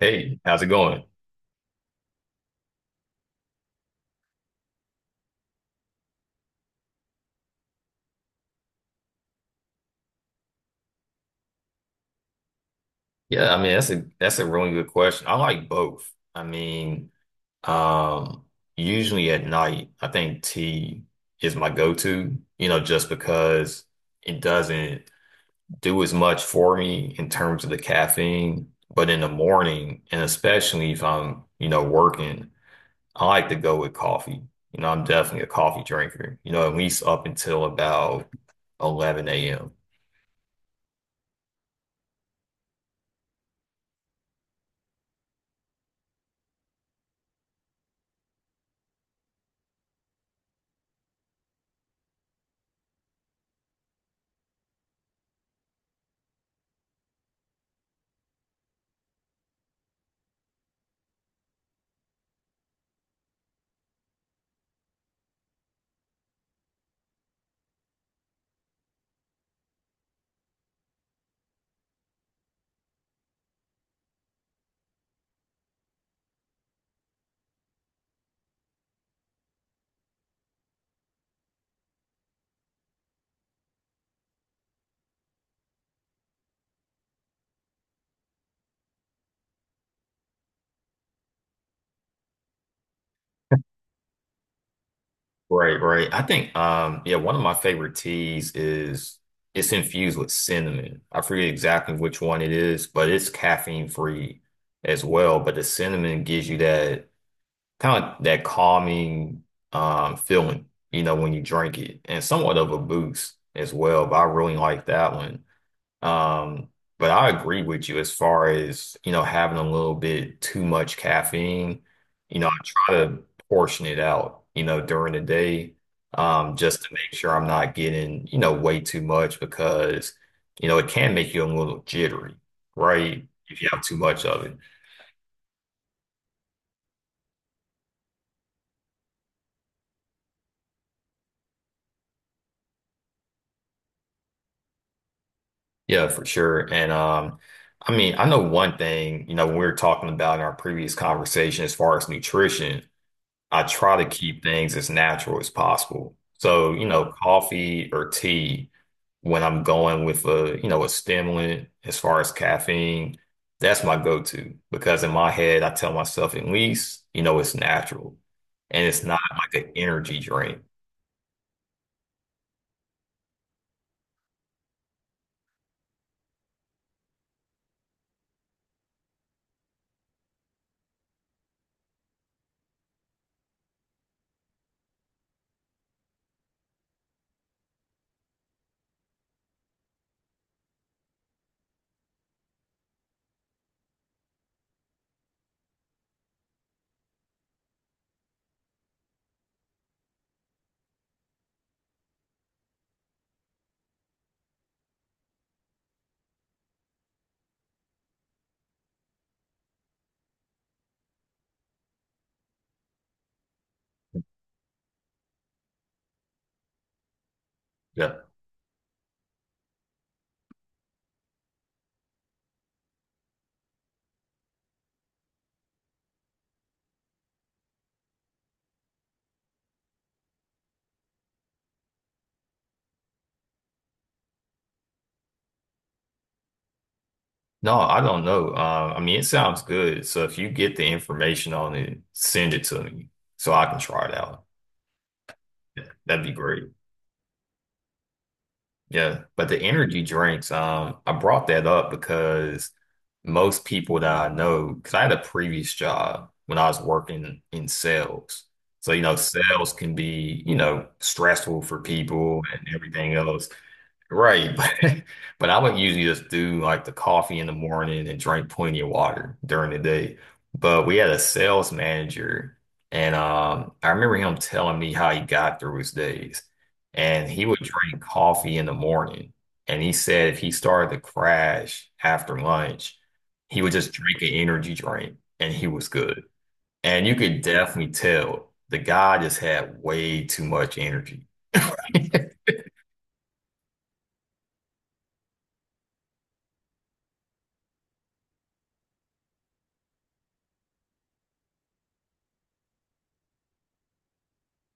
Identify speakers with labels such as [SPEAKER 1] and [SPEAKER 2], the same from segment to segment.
[SPEAKER 1] Hey, how's it going? Yeah, I mean that's a really good question. I like both. I mean, um, usually at night, I think tea is my go-to, you know, just because it doesn't do as much for me in terms of the caffeine. But in the morning, and especially if I'm, you know, working, I like to go with coffee. You know, I'm definitely a coffee drinker, you know, at least up until about 11 a.m. Right, right. I think yeah, one of my favorite teas is it's infused with cinnamon. I forget exactly which one it is, but it's caffeine free as well. But the cinnamon gives you that kind of that calming feeling, you know, when you drink it and somewhat of a boost as well. But I really like that one. Um, but I agree with you as far as, you know, having a little bit too much caffeine. You know, I try to portion it out, you know, during the day, just to make sure I'm not getting, you know, way too much because, you know, it can make you a little jittery, right? If you have too much of it. Yeah, for sure. And I mean, I know one thing, you know, when we were talking about in our previous conversation as far as nutrition. I try to keep things as natural as possible. So, you know, coffee or tea, when I'm going with a, you know, a stimulant as far as caffeine, that's my go-to because in my head, I tell myself at least, you know, it's natural and it's not like an energy drink. Yeah. No, I don't know. I mean, it sounds good. So if you get the information on it, send it to me so I can try it out. Yeah, that'd be great. Yeah, but the energy drinks, I brought that up because most people that I know, because I had a previous job when I was working in sales. So, you know, sales can be, you know, stressful for people and everything else. Right, but I would usually just do like the coffee in the morning and drink plenty of water during the day. But we had a sales manager, and I remember him telling me how he got through his days. And he would drink coffee in the morning, and he said if he started to crash after lunch, he would just drink an energy drink, and he was good. And you could definitely tell the guy just had way too much energy.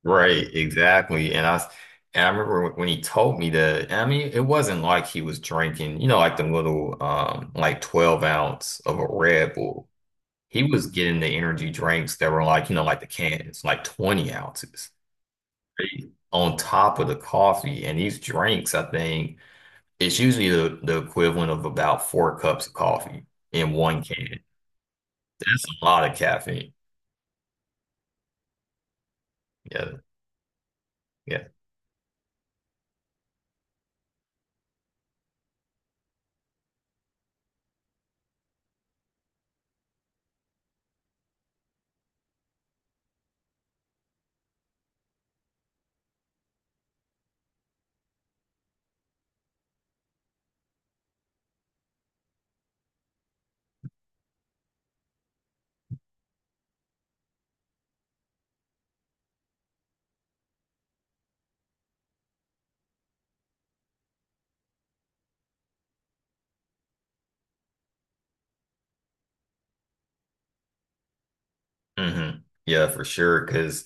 [SPEAKER 1] Right, exactly. And I remember when he told me that, I mean, it wasn't like he was drinking, you know, like the little like 12 ounce of a Red Bull. He was getting the energy drinks that were like, you know, like the cans, like 20 ounces right, on top of the coffee. And these drinks, I think, it's usually the equivalent of about four cups of coffee in one can. That's a lot of caffeine. Yeah, yeah. hmm Yeah, for sure. Because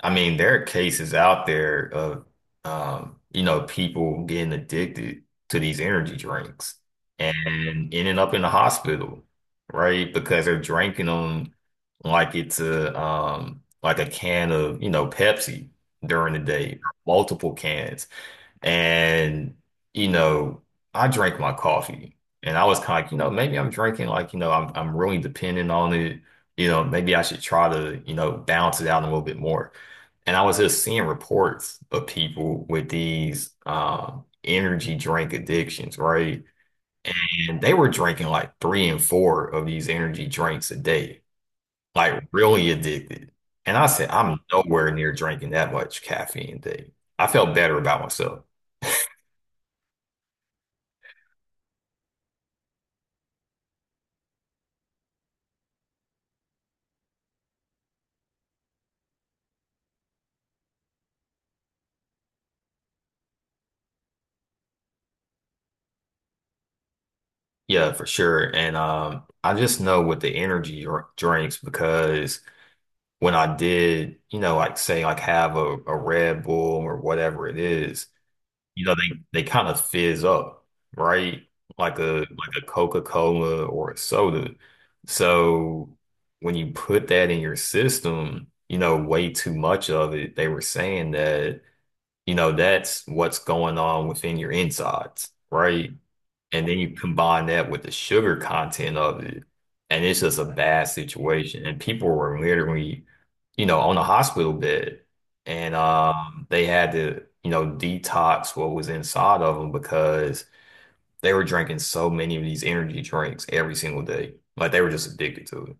[SPEAKER 1] I mean, there are cases out there of you know, people getting addicted to these energy drinks and ending up in the hospital, right? Because they're drinking them like it's a like a can of, you know, Pepsi during the day, multiple cans. And, you know, I drank my coffee and I was kind of, you know, maybe I'm drinking like, you know, I'm really dependent on it. You know, maybe I should try to, you know, balance it out a little bit more. And I was just seeing reports of people with these energy drink addictions, right? And they were drinking like three and four of these energy drinks a day, like really addicted. And I said, I'm nowhere near drinking that much caffeine a day. I felt better about myself. Yeah, for sure. And I just know with the energy drinks because when I did, you know, like say like have a Red Bull or whatever it is, you know, they kind of fizz up, right? Like a Coca-Cola or a soda. So when you put that in your system, you know, way too much of it, they were saying that, you know, that's what's going on within your insides, right? And then you combine that with the sugar content of it, and it's just a bad situation. And people were literally, you know, on a hospital bed, and they had to, you know, detox what was inside of them because they were drinking so many of these energy drinks every single day. Like they were just addicted to it.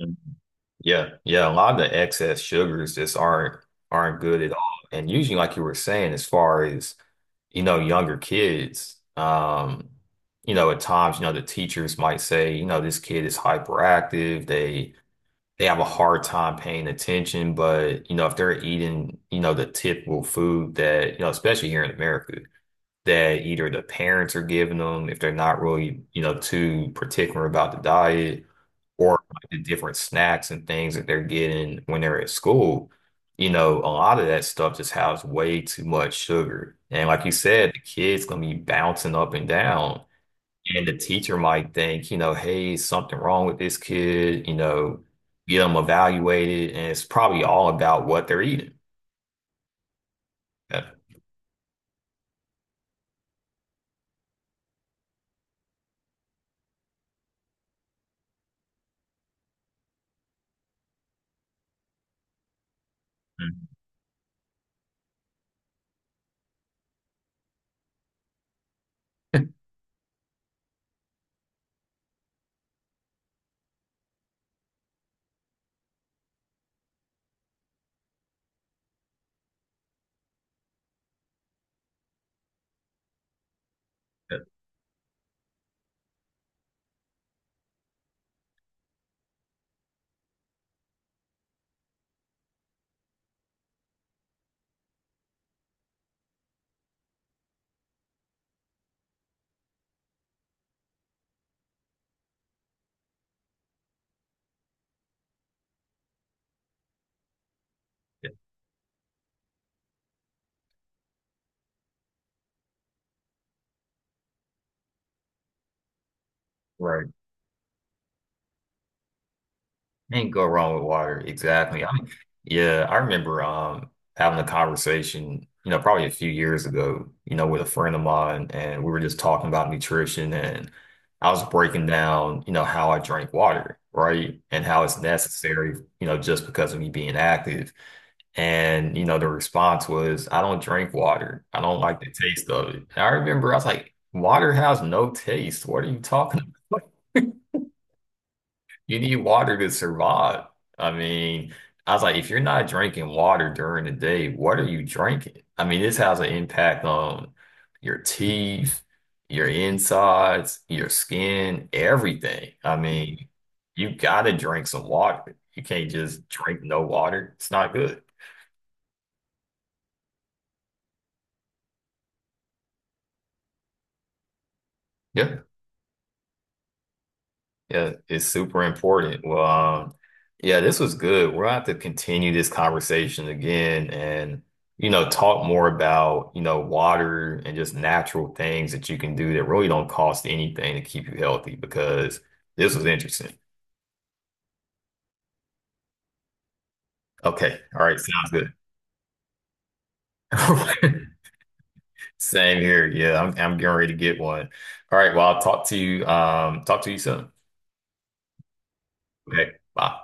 [SPEAKER 1] Mhm. Yeah, yeah, a lot of the excess sugars just aren't good at all. And usually, like you were saying, as far as you know, younger kids, you know, at times, you know, the teachers might say, you know, this kid is hyperactive. They have a hard time paying attention, but you know, if they're eating, you know, the typical food that, you know, especially here in America, that either the parents are giving them, if they're not really, you know, too particular about the diet, or like, the different snacks and things that they're getting when they're at school, you know, a lot of that stuff just has way too much sugar. And like you said, the kid's gonna be bouncing up and down. And the teacher might think, you know, hey, something wrong with this kid, you know, get them evaluated. And it's probably all about what they're eating. Yeah. Mhm. Yeah. Yeah. Right. Can't go wrong with water. Exactly. I mean, yeah, I remember having a conversation, you know, probably a few years ago, you know, with a friend of mine, and we were just talking about nutrition and I was breaking down, you know, how I drink water, right? And how it's necessary, you know, just because of me being active. And, you know, the response was, I don't drink water. I don't like the taste of it. And I remember I was like, water has no taste. What are you talking about? You need water to survive. I mean, I was like, if you're not drinking water during the day, what are you drinking? I mean, this has an impact on your teeth, your insides, your skin, everything. I mean, you gotta drink some water. You can't just drink no water. It's not good. Yeah. Yeah, it's super important. Well, yeah, this was good. We'll have to continue this conversation again and, you know, talk more about, you know, water and just natural things that you can do that really don't cost anything to keep you healthy because this was interesting. Okay. All right. Sounds good. Same here. Yeah, I'm getting ready to get one. All right. Well, I'll talk to you soon. Okay. Bye.